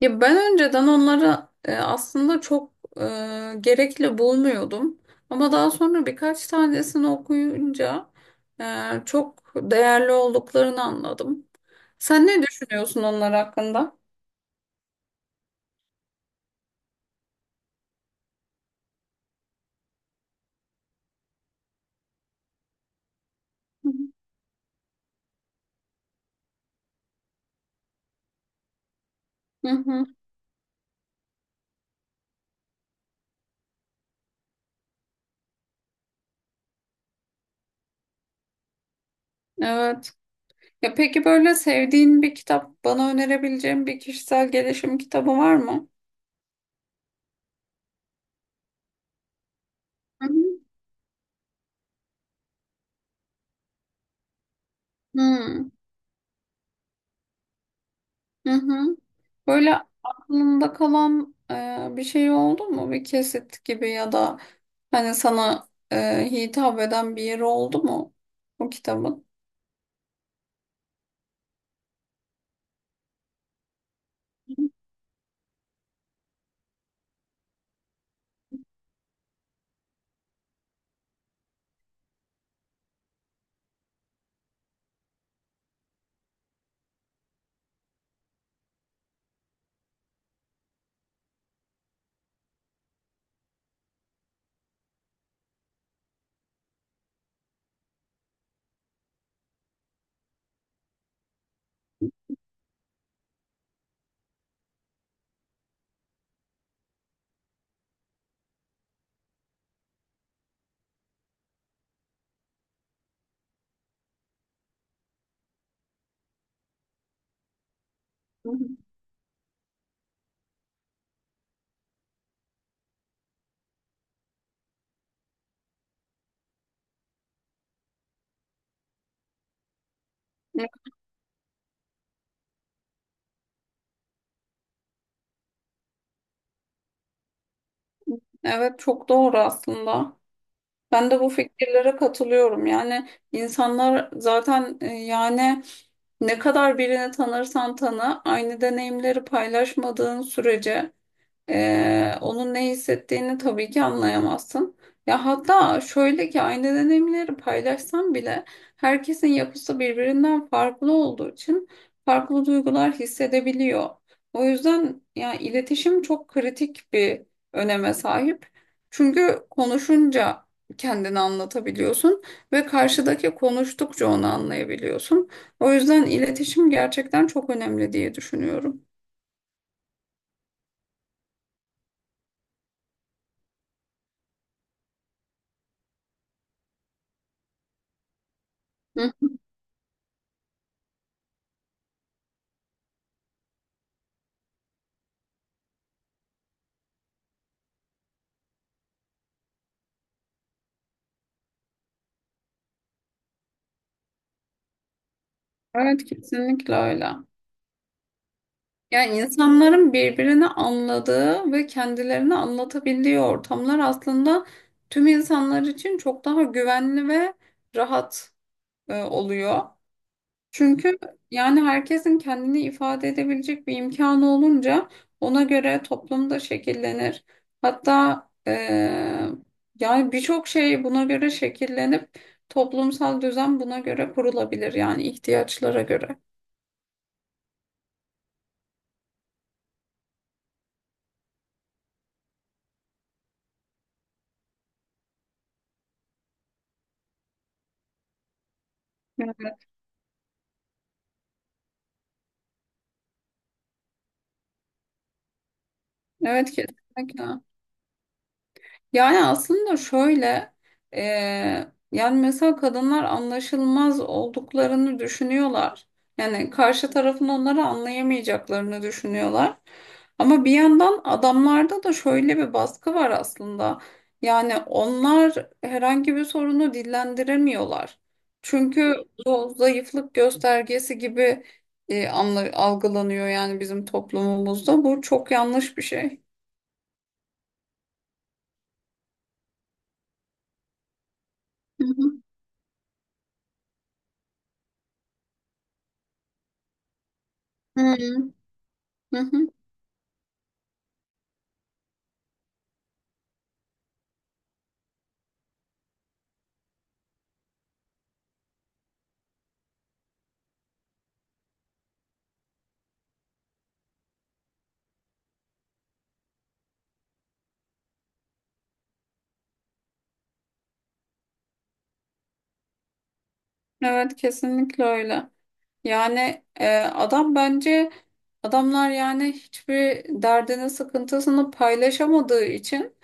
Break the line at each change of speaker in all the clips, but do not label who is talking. Ya ben önceden onları aslında çok e, gerekli bulmuyordum. Ama daha sonra birkaç tanesini okuyunca e, çok değerli olduklarını anladım. Sen ne düşünüyorsun onlar hakkında? Hı hı, hı hı. Evet. Ya peki böyle sevdiğin bir kitap, bana önerebileceğin bir kişisel gelişim kitabı var mı? Hı hı. Hı hı. Böyle aklında kalan bir şey oldu mu? Bir kesit gibi ya da hani sana hitap eden bir yeri oldu mu bu kitabın? Hı hı. Evet, çok doğru aslında. Ben de bu fikirlere katılıyorum. Yani insanlar zaten yani ne kadar birini tanırsan tanı, aynı deneyimleri paylaşmadığın sürece onun ne hissettiğini tabii ki anlayamazsın. Ya hatta şöyle ki aynı deneyimleri paylaşsam bile herkesin yapısı birbirinden farklı olduğu için farklı duygular hissedebiliyor. O yüzden ya iletişim çok kritik bir öneme sahip. Çünkü konuşunca kendini anlatabiliyorsun ve karşıdaki konuştukça onu anlayabiliyorsun. O yüzden iletişim gerçekten çok önemli diye düşünüyorum. Hı. Evet, kesinlikle öyle. Yani insanların birbirini anladığı ve kendilerini anlatabildiği ortamlar aslında tüm insanlar için çok daha güvenli ve rahat oluyor. Çünkü yani herkesin kendini ifade edebilecek bir imkanı olunca ona göre toplumda şekillenir. Hatta e, yani birçok şey buna göre şekillenip toplumsal düzen buna göre kurulabilir yani ihtiyaçlara göre. Evet, kesinlikle. Yani aslında şöyle, e, yani mesela kadınlar anlaşılmaz olduklarını düşünüyorlar. Yani karşı tarafın onları anlayamayacaklarını düşünüyorlar. Ama bir yandan adamlarda da şöyle bir baskı var aslında. Yani onlar herhangi bir sorunu dillendiremiyorlar. Çünkü bu zayıflık göstergesi gibi algılanıyor yani bizim toplumumuzda. Bu çok yanlış bir şey. Hı hı. Hı hı. Hı hı. Evet, kesinlikle öyle. Yani adam bence adamlar yani hiçbir derdini sıkıntısını paylaşamadığı için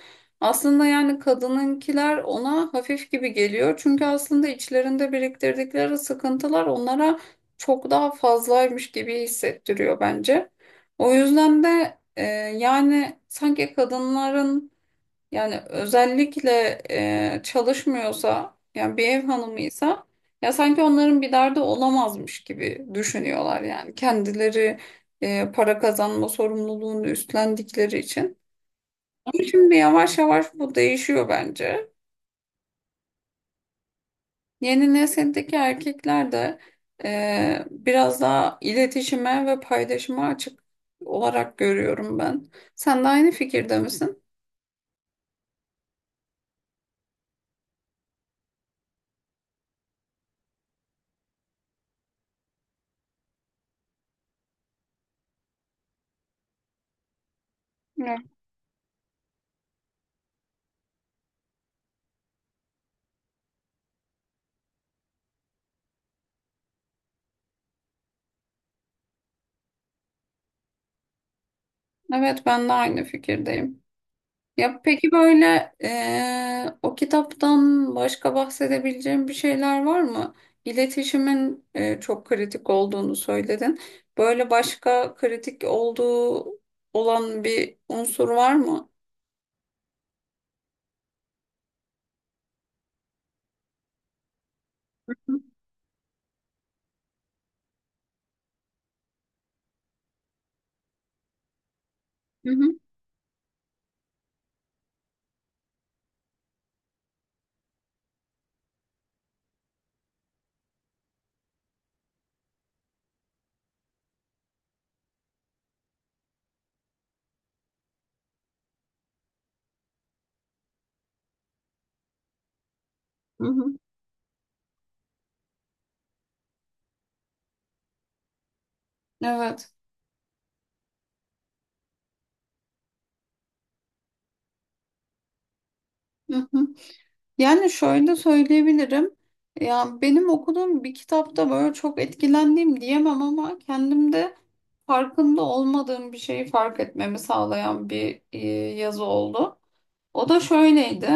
aslında yani kadınınkiler ona hafif gibi geliyor. Çünkü aslında içlerinde biriktirdikleri sıkıntılar onlara çok daha fazlaymış gibi hissettiriyor bence. O yüzden de yani sanki kadınların yani özellikle çalışmıyorsa yani bir ev hanımıysa ya sanki onların bir derdi olamazmış gibi düşünüyorlar yani kendileri para kazanma sorumluluğunu üstlendikleri için. Ama şimdi yavaş yavaş bu değişiyor bence. Yeni nesildeki erkekler de biraz daha iletişime ve paylaşıma açık olarak görüyorum ben. Sen de aynı fikirde misin? Evet, evet, ben de aynı fikirdeyim. Ya peki böyle o kitaptan başka bahsedebileceğim bir şeyler var mı? İletişimin çok kritik olduğunu söyledin. Böyle başka kritik olan bir unsur var mı? Hı hı, hı hı. Evet. Hı hı. Yani şöyle söyleyebilirim. Ya benim okuduğum bir kitapta böyle çok etkilendiğim diyemem ama kendimde farkında olmadığım bir şeyi fark etmemi sağlayan bir yazı oldu. O da şöyleydi.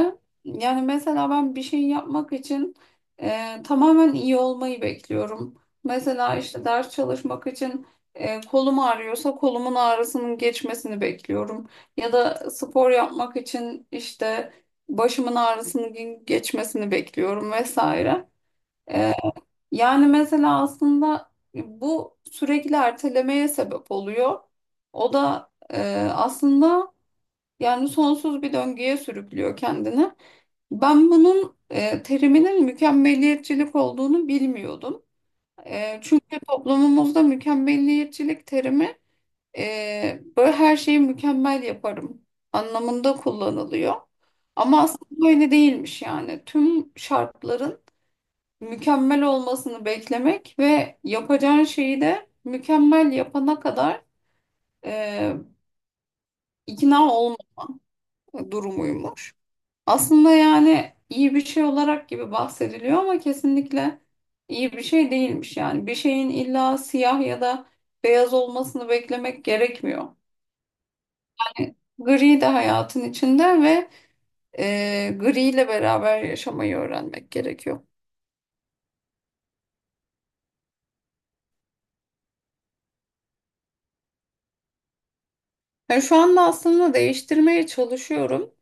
Yani mesela ben bir şey yapmak için tamamen iyi olmayı bekliyorum. Mesela işte ders çalışmak için kolum ağrıyorsa kolumun ağrısının geçmesini bekliyorum. Ya da spor yapmak için işte başımın ağrısının geçmesini bekliyorum vesaire. E, Yani mesela aslında bu sürekli ertelemeye sebep oluyor. O da aslında yani sonsuz bir döngüye sürüklüyor kendini. Ben bunun teriminin mükemmeliyetçilik olduğunu bilmiyordum. Çünkü toplumumuzda mükemmeliyetçilik terimi böyle her şeyi mükemmel yaparım anlamında kullanılıyor. Ama aslında öyle değilmiş yani. Tüm şartların mükemmel olmasını beklemek ve yapacağın şeyi de mükemmel yapana kadar e, ikna olma durumuymuş. Aslında yani iyi bir şey olarak gibi bahsediliyor ama kesinlikle iyi bir şey değilmiş yani. Bir şeyin illa siyah ya da beyaz olmasını beklemek gerekmiyor. Yani gri de hayatın içinde ve gri ile beraber yaşamayı öğrenmek gerekiyor. Yani şu anda aslında değiştirmeye çalışıyorum.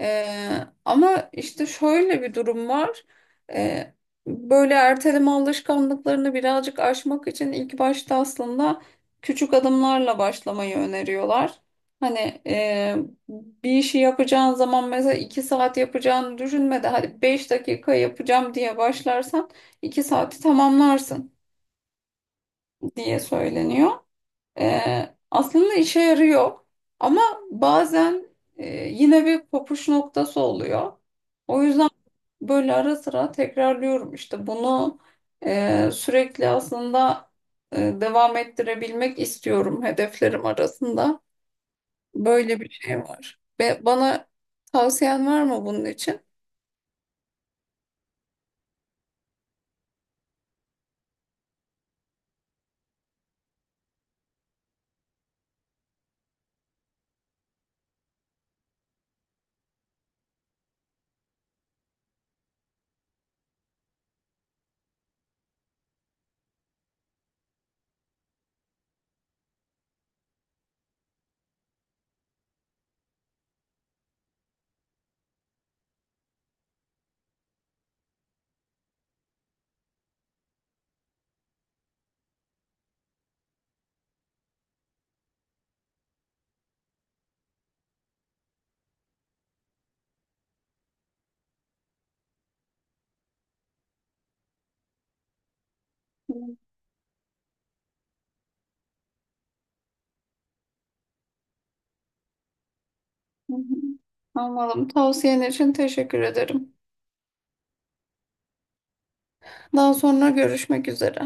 Ama işte şöyle bir durum var. Ee, Böyle erteleme alışkanlıklarını birazcık aşmak için ilk başta aslında küçük adımlarla başlamayı öneriyorlar. Hani e, bir işi yapacağın zaman mesela 2 saat yapacağını düşünme de hadi 5 dakika yapacağım diye başlarsan 2 saati tamamlarsın diye söyleniyor. Aslında işe yarıyor ama bazen yine bir kopuş noktası oluyor. O yüzden böyle ara sıra tekrarlıyorum işte bunu sürekli aslında devam ettirebilmek istiyorum hedeflerim arasında. Böyle bir şey var. Ve bana tavsiyen var mı bunun için? Hı hı. Anladım. Tavsiyen için teşekkür ederim. Daha sonra görüşmek üzere.